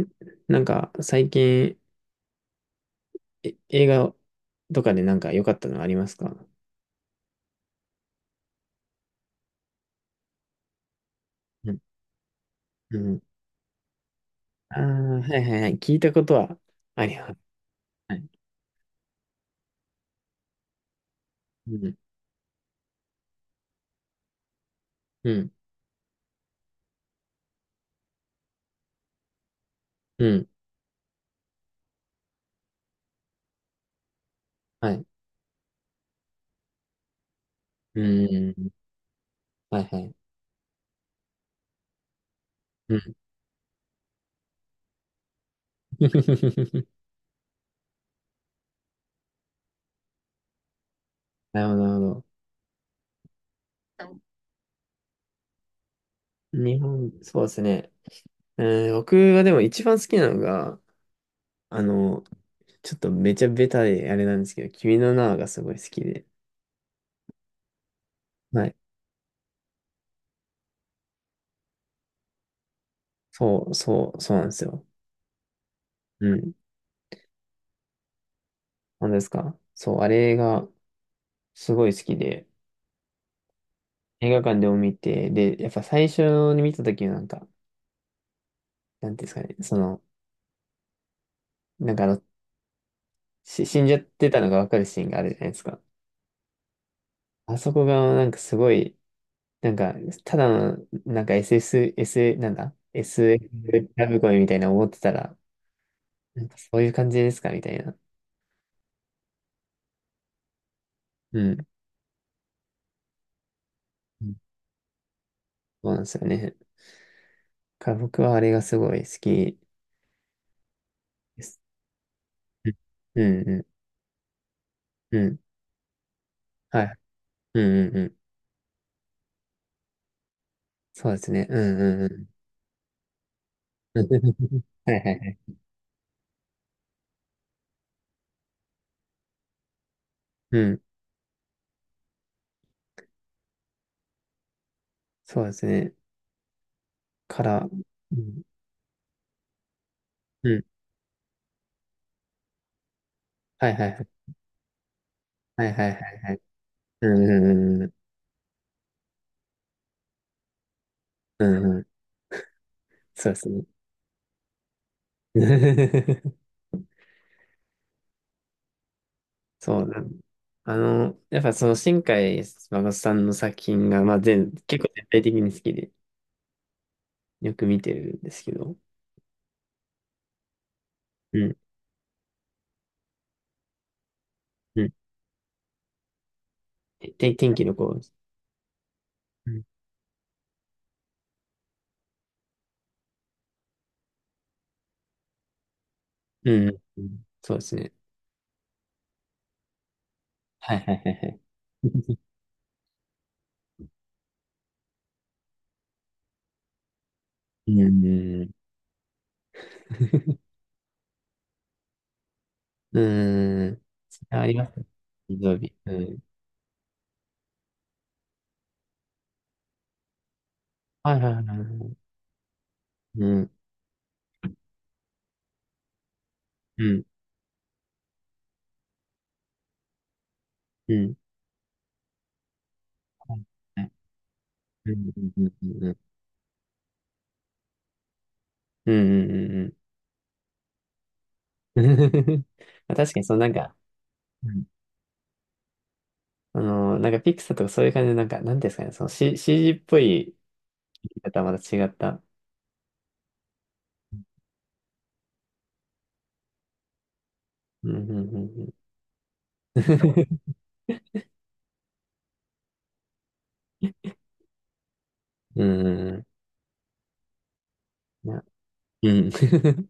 ん最近、映画とかで良かったのありますか？うん。うん。ああ、はいはいはい。聞いたことはあります。はい。うん。うん。うん。はい。うん。はいはい。うん。なるほど、なるほど。日本、そうですね。うん、僕はでも一番好きなのが、あの、ちょっとめちゃベタであれなんですけど、君の名はがすごい好きで。はい。そう、そう、そうなんですよ。うん。なんですかそう、あれが、すごい好きで、映画館でも見て、で、やっぱ最初に見た時のなんか、なんていうんですかね、その、なんかあの、死んじゃってたのがわかるシーンがあるじゃないですか。あそこがなんかすごい、なんか、ただの、SS、S、なんだ ?SF んラブコメみたいな思ってたら、なんかそういう感じですかみたいな。うん。うんそうなんですよね。だから僕はあれがすごい好きです。うんうんうん。うんはい。うんうんうん。そうですね。うんうんうん。はいはいはい。うん。そうですね。うん。うん。はいはいはい。はいはいはいはい。うんうんうんうん。うんうん。そうですね。そうなん。やっぱその新海誠さんの作品が、結構全体的に好きで、よく見てるんですけど。うん。うん。天気の子。うん。うん。うんそうですね。はいはいはいはい。うん。うん。ありますね。水曜日。うん。はいはいはいはい。うん。うん。うん。はいうんうんうんうんうんうんうんうんうん まあ確かに、そのなんか、うんピクサーとかそういう感じで、なんか、なんていうんですかね、その CG っぽい言い方はまた違った。うんうんうんうん。うんうんうん。いやうん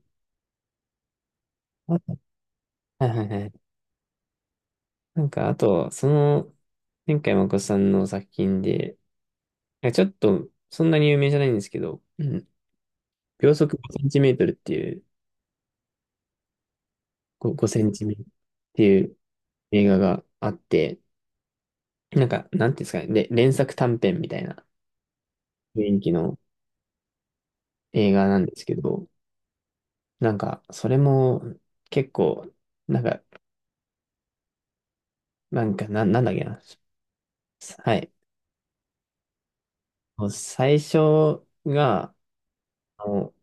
あとはいはいはい。あと、その、前回まこさんの作品で、なんかちょっと、そんなに有名じゃないんですけど、うん秒速5センチメートルっていう、5センチメートルっていう映画があって、なんか、なんていうんですかね、で、連作短編みたいな雰囲気の映画なんですけど、それも結構、なんか、なんだっけな。はい。もう最初が、あの、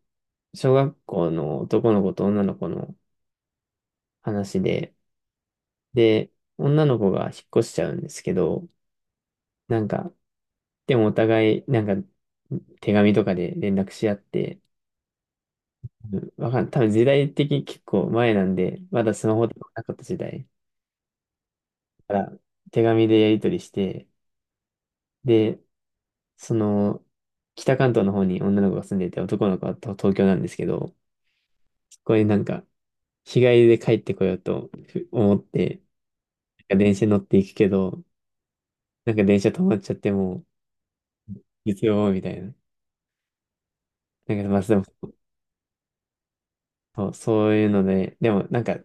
小学校の男の子と女の子の話で、で、女の子が引っ越しちゃうんですけど、なんか、でもお互い、手紙とかで連絡し合って、うんわかん、多分時代的に結構前なんで、まだスマホとかなかった時代。から手紙でやり取りして、で、その、北関東の方に女の子が住んでいて、男の子は東京なんですけど、そこになんか、日帰りで帰ってこようと思って、なんか電車に乗っていくけど、なんか電車止まっちゃってもう、月曜みたいな。なんか、まあ、でも、そう、そういうので、でもなんか、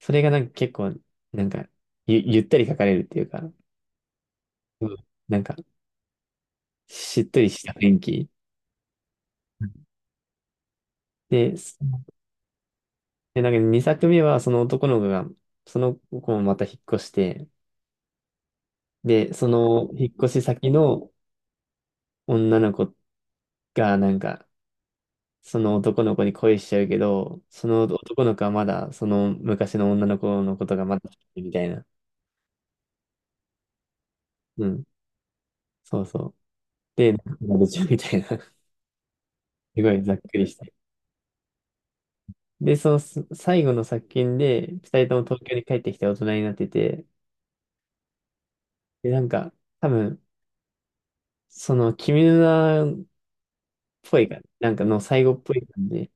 それがなんか結構、なんか、ゆったり書かれるっていうか、うんなんか、しっとりした雰囲気。うんで、なんか2作目はその男の子が、その子もまた引っ越して、で、その引っ越し先の女の子がなんか、その男の子に恋しちゃうけど、その男の子はまだ、その昔の女の子のことがまだ好きみたいな。うん。そうそう。で、なんかやれちゃうみたいな。すごいざっくりして。で、そのす最後の作品で、二人とも東京に帰ってきて大人になってて、で、多分、その君の名ぽい感じ。なんかの最後っぽい感じ。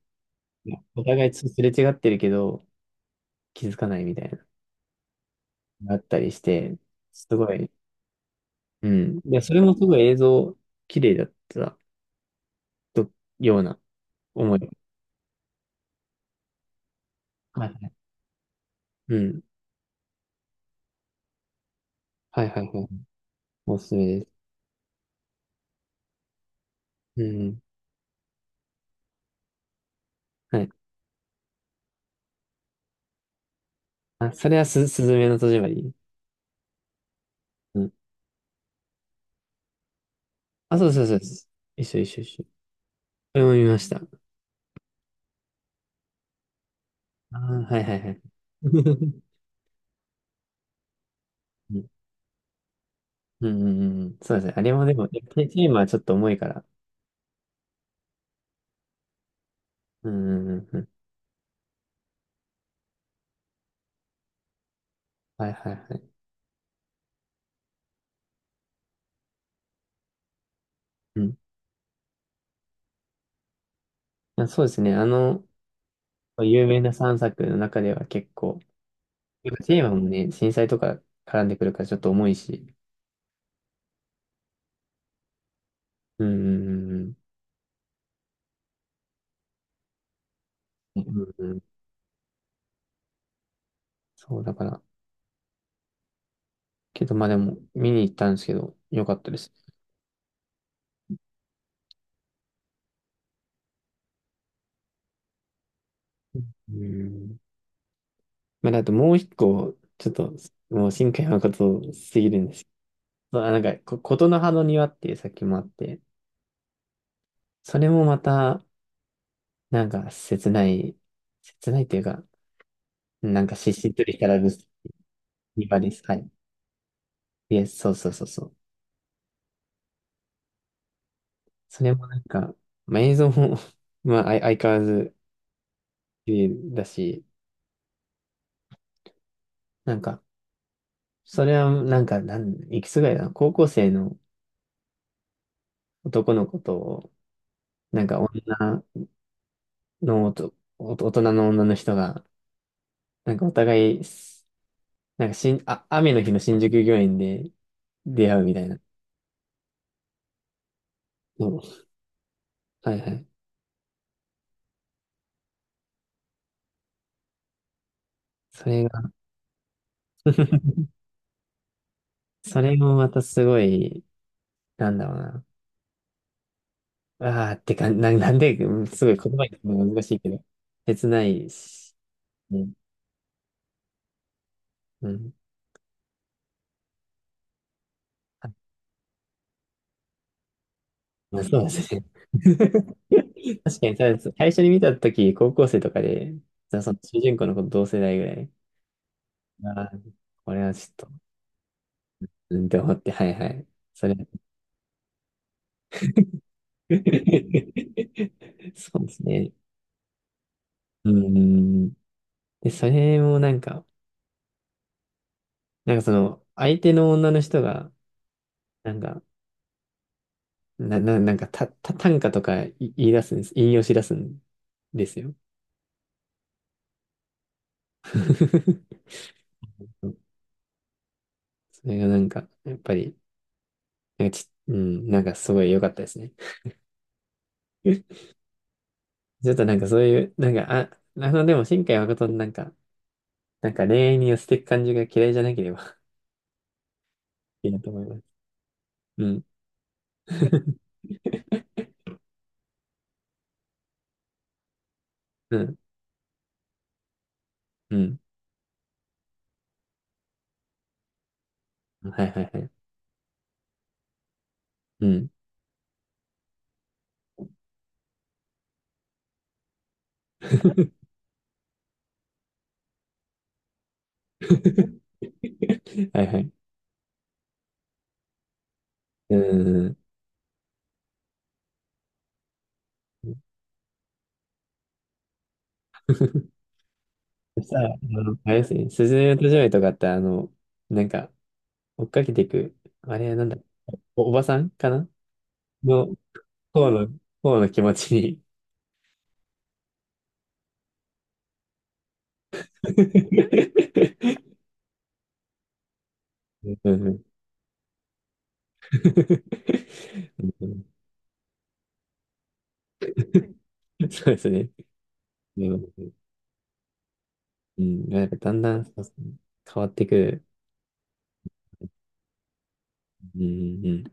お互いすれ違ってるけど、気づかないみたいな、があったりして、すごい、うん。で、それもすごい映像、綺麗だったとような思い。はいはい。うん。はいはいはい。おすすめです。うん。はい。あ、それはす、すずめの戸締まり。うん。あ、そうそうそうです。一緒一緒一緒。それも見ました。ああはいはいはい。うんうんうんうん。そうですね。あれもでも、テーマはちょっと重いから。うんうんうんうん。はいはいはい。うん。あ、そうですね。有名な3作の中では結構、テーマもね、震災とか絡んでくるからちょっと重いし。うん、うん、うん。うんうんうんそう、だから、けど、まあでも、見に行ったんですけど、よかったです。うん。だともう一個、ちょっと、もう新海誠すぎるんです。ことの葉の庭っていう作品もあって、それもまた、なんか、切ない、切ないというか、なんか、しっしりとしたラブストーリーです。はい。いや、そうそうそうそう。それもなんか、まあ、映像も まあ、相変わらず綺麗だし、なんか、それはなんか、いくつぐらいだな、高校生の男の子と、女のおと、おと大人の女の人が、なんかお互い、なんかしん、あ、雨の日の新宿御苑で出会うみたいな。そうはいはい。それが それもまたすごい、なんだろうな。ああ、ってか、な、なんで、うんすごい言葉にするのが難しいけど、切ないし、ね、うん。あ、まあそうですね。確かに、ただ最初に見たとき、高校生とかで、その主人公の子と同世代ぐらい、ああ、これはちょっと、うんって思って、はいはい。それ、そうですね。うん。で、それもなんか、なんかその、相手の女の人が、なんか、な、な、なんか、た、た、短歌とか言い出すんです。引用し出すんですよ。それがなんか、やっぱり、なんかち、うん、なんかすごい良かったですね。ちょっとなんかそういう、でも、新海誠のなんか、なんか恋愛に寄せていく感じが嫌いじゃなければ いいなと思います。うん。うん。うん。はいはいはい。うん。はいはい。うん。そしたら、あれですね、すずめの戸締まりとかって、なんか、追っかけていく、あれはなんだ、おばさんかなの、方の、方の気持ちに うんうんうんうんそうですね。うん、うんなんかだんだんそうですね変わってくる。うんうんうん